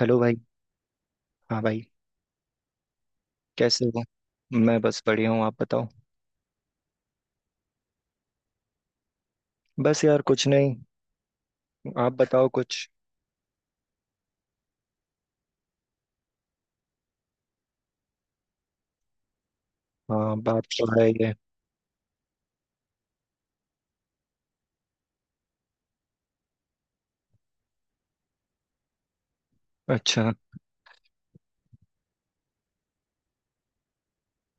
Hello भाई। हाँ भाई। कैसे हो? मैं बस बढ़िया हूँ, आप बताओ। बस यार, कुछ नहीं। आप बताओ कुछ। हाँ, बात तो है ही है। अच्छा।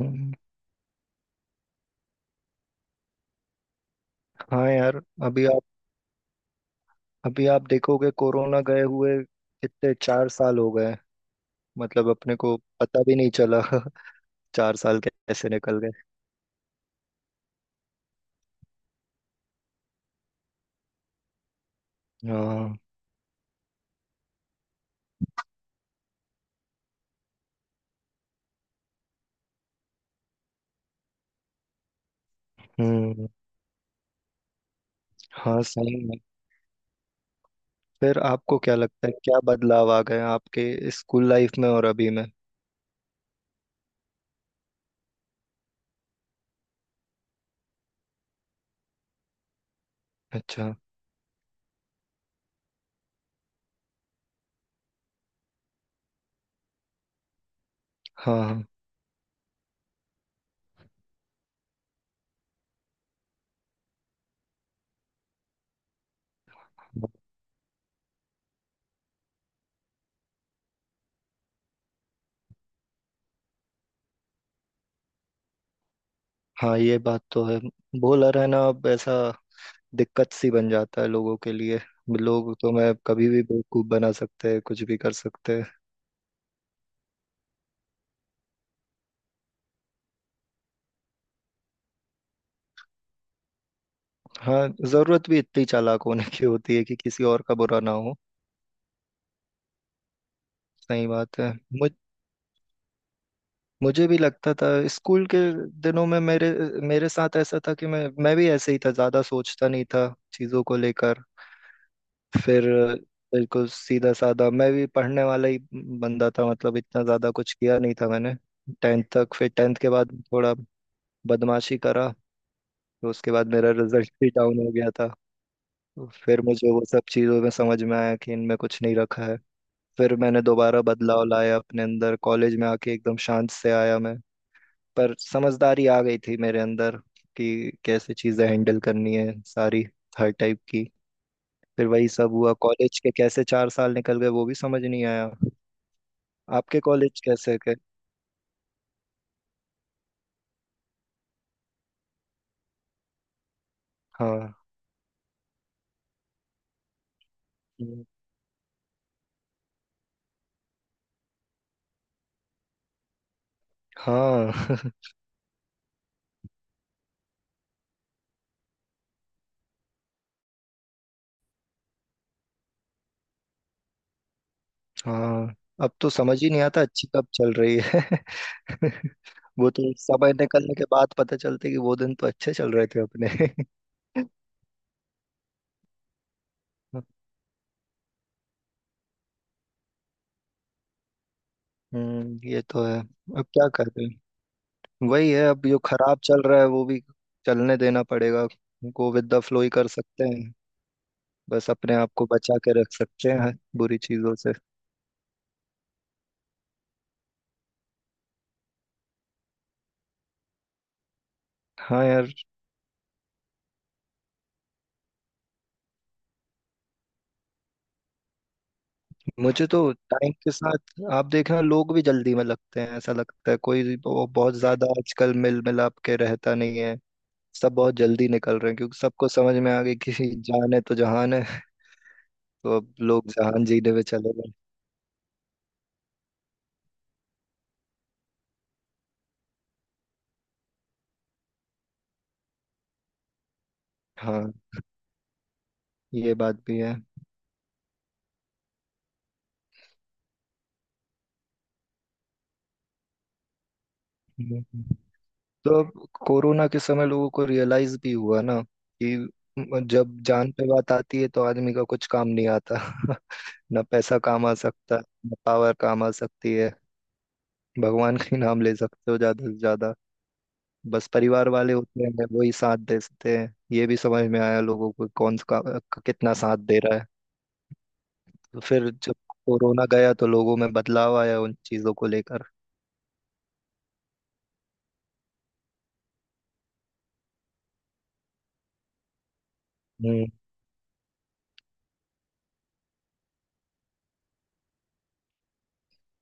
हम्म, हाँ यार। अभी आप देखोगे कोरोना गए हुए कितने, 4 साल हो गए। मतलब अपने को पता भी नहीं चला। 4 साल कैसे निकल गए। हाँ। हम्म। हाँ, सही में। फिर आपको क्या लगता है, क्या बदलाव आ गए आपके स्कूल लाइफ में और अभी में? अच्छा। हाँ हाँ। हाँ, ये बात तो है। बॉलर है ना अब, ऐसा दिक्कत सी बन जाता है लोगों के लिए। लोग तो मैं कभी भी बेवकूफ बना सकते हैं, कुछ भी कर सकते हैं। हाँ, जरूरत भी इतनी चालाक होने की होती है कि किसी और का बुरा ना हो। सही बात है। मुझ मुझे भी लगता था स्कूल के दिनों में, मेरे मेरे साथ ऐसा था कि मैं भी ऐसे ही था, ज्यादा सोचता नहीं था चीजों को लेकर। फिर बिल्कुल सीधा साधा मैं भी पढ़ने वाला ही बंदा था, मतलब इतना ज़्यादा कुछ किया नहीं था मैंने टेंथ तक। फिर टेंथ के बाद थोड़ा बदमाशी करा तो उसके बाद मेरा रिजल्ट भी डाउन हो गया था। तो फिर मुझे वो सब चीज़ों में समझ में आया कि इनमें कुछ नहीं रखा है। फिर मैंने दोबारा बदलाव लाया अपने अंदर, कॉलेज में आके एकदम शांत से आया मैं। पर समझदारी आ गई थी मेरे अंदर कि कैसे चीज़ें हैंडल करनी है सारी, हर टाइप की। फिर वही सब हुआ, कॉलेज के कैसे 4 साल निकल गए वो भी समझ नहीं आया। आपके कॉलेज कैसे के? हाँ। हम्म, हाँ। हाँ, अब तो समझ ही नहीं आता अच्छी कब चल रही है। वो तो समय निकलने के बाद पता चलते कि वो दिन तो अच्छे चल रहे थे अपने। हम्म, ये तो है। अब क्या करें। वही है, अब जो खराब चल रहा है वो भी चलने देना पड़ेगा। गो विद द फ्लो ही कर सकते हैं। बस अपने आप को बचा के रख सकते हैं बुरी चीजों से। हाँ यार, मुझे तो टाइम के साथ आप देखना लोग भी जल्दी में लगते हैं, ऐसा लगता है कोई बहुत ज्यादा आजकल मिल मिलाप के रहता नहीं है। सब बहुत जल्दी निकल रहे हैं क्योंकि सबको समझ में आ गई कि जान है तो जहान है। तो अब लोग जहान जीने में चले गए। हाँ, ये बात भी है। हम्म। तो अब कोरोना के समय लोगों को रियलाइज भी हुआ ना कि जब जान पे बात आती है तो आदमी का कुछ काम नहीं आता। ना पैसा काम आ सकता, ना पावर काम आ सकती है। भगवान का ही नाम ले सकते हो ज्यादा से ज्यादा। बस परिवार वाले होते हैं वही साथ देते हैं, ये भी समझ में आया लोगों को कौन सा कितना साथ दे रहा है। तो फिर जब कोरोना गया तो लोगों में बदलाव आया उन चीजों को लेकर। हम्म।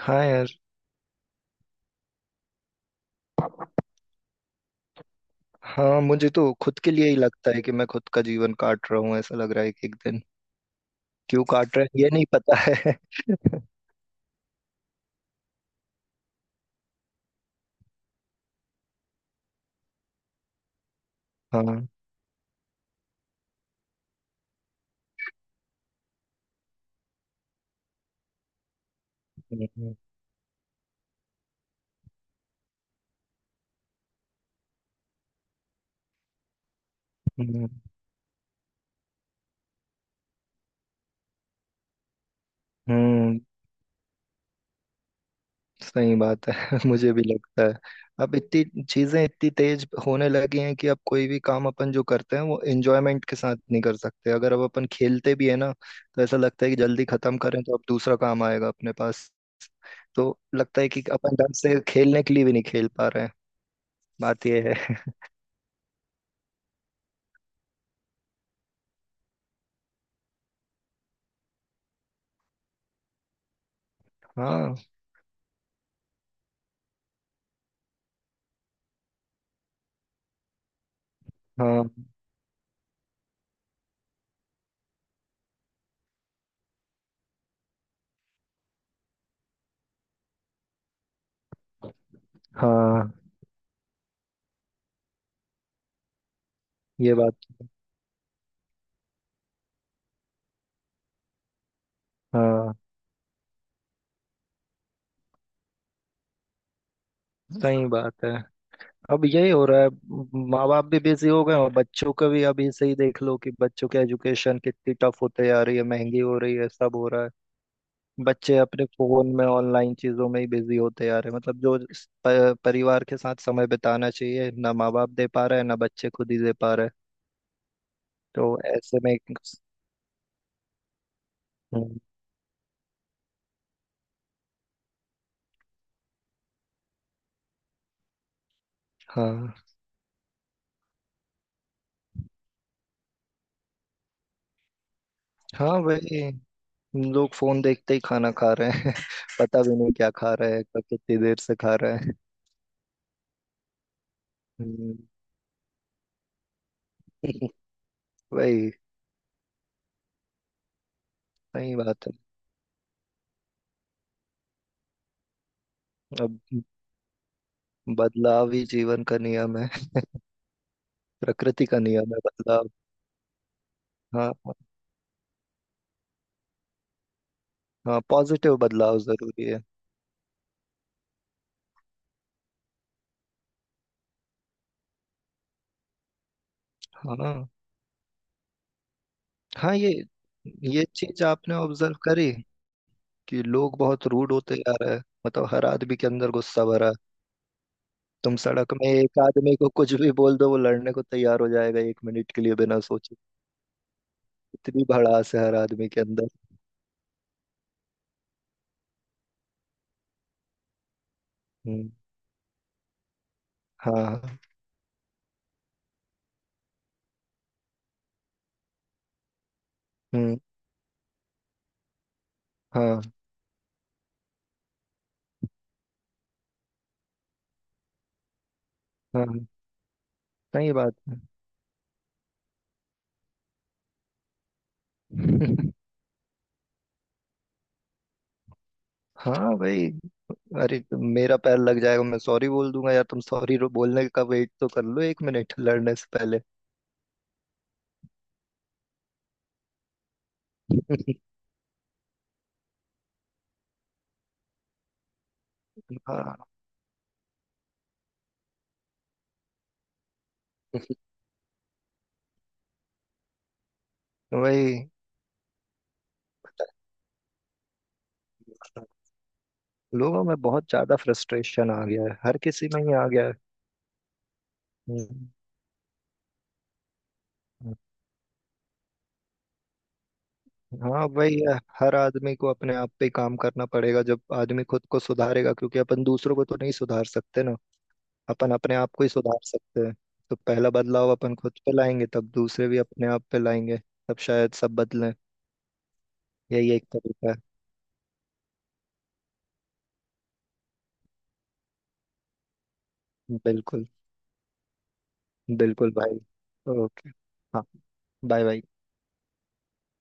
हाँ यार। हाँ, मुझे तो खुद के लिए ही लगता है कि मैं खुद का जीवन काट रहा हूँ, ऐसा लग रहा है कि एक दिन क्यों काट रहे हैं ये नहीं पता है। हाँ। हम्म। हम्म। हम्म, सही बात है। मुझे भी लगता है अब इतनी चीजें इतनी तेज होने लगी हैं कि अब कोई भी काम अपन जो करते हैं वो एंजॉयमेंट के साथ नहीं कर सकते। अगर अब अपन खेलते भी है ना तो ऐसा लगता है कि जल्दी खत्म करें तो अब दूसरा काम आएगा अपने पास। तो लगता है कि अपन ढंग से खेलने के लिए भी नहीं खेल पा रहे हैं, बात ये है। हाँ हाँ हाँ, ये बात। हाँ, सही बात है। अब यही हो रहा है। माँ बाप भी बिजी हो गए हैं और बच्चों का भी अभी से ही देख लो कि बच्चों के एजुकेशन कितनी टफ होते जा रही है, महंगी हो रही है, सब हो रहा है। बच्चे अपने फोन में ऑनलाइन चीजों में ही बिजी होते जा रहे हैं, मतलब जो इस परिवार के साथ समय बिताना चाहिए ना माँ बाप दे पा रहे हैं ना बच्चे खुद ही दे पा रहे हैं। तो ऐसे में। हम्म, हाँ हाँ। वही, लोग फोन देखते ही खाना खा रहे हैं। पता भी नहीं क्या खा रहे हैं, कब, कितनी देर से खा रहे हैं। हम्म। वही। सही बात है। अब बदलाव ही जीवन का नियम है, प्रकृति का नियम है बदलाव। हाँ। हाँ, पॉजिटिव बदलाव जरूरी है। हाँ हाँ, ये चीज आपने ऑब्जर्व करी कि लोग बहुत रूड होते जा रहे हैं, मतलब हर आदमी के अंदर गुस्सा भरा है। तुम सड़क में एक आदमी को कुछ भी बोल दो वो लड़ने को तैयार हो जाएगा एक मिनट के लिए बिना सोचे। इतनी भड़ास है हर आदमी के अंदर। हम्म। हाँ। हम्म। हाँ हाँ, सही बात है। हाँ भाई, अरे तो मेरा पैर लग जाएगा मैं सॉरी बोल दूंगा यार, तुम सॉरी बोलने का वेट तो कर लो एक मिनट लड़ने से पहले। हाँ तो वही, लोगों में बहुत ज्यादा फ्रस्ट्रेशन आ गया है, हर किसी में ही आ गया है। हम्म, हम्म। हाँ भाई, हर आदमी को अपने आप पे ही काम करना पड़ेगा जब आदमी खुद को सुधारेगा, क्योंकि अपन दूसरों को तो नहीं सुधार सकते ना। अपन अपने आप को ही सुधार सकते हैं। तो पहला बदलाव अपन खुद पे लाएंगे तब दूसरे भी अपने आप पे लाएंगे। तब शायद सब बदलें। यही एक तरीका है। बिल्कुल। बिल्कुल भाई। ओके। हाँ। Bye bye.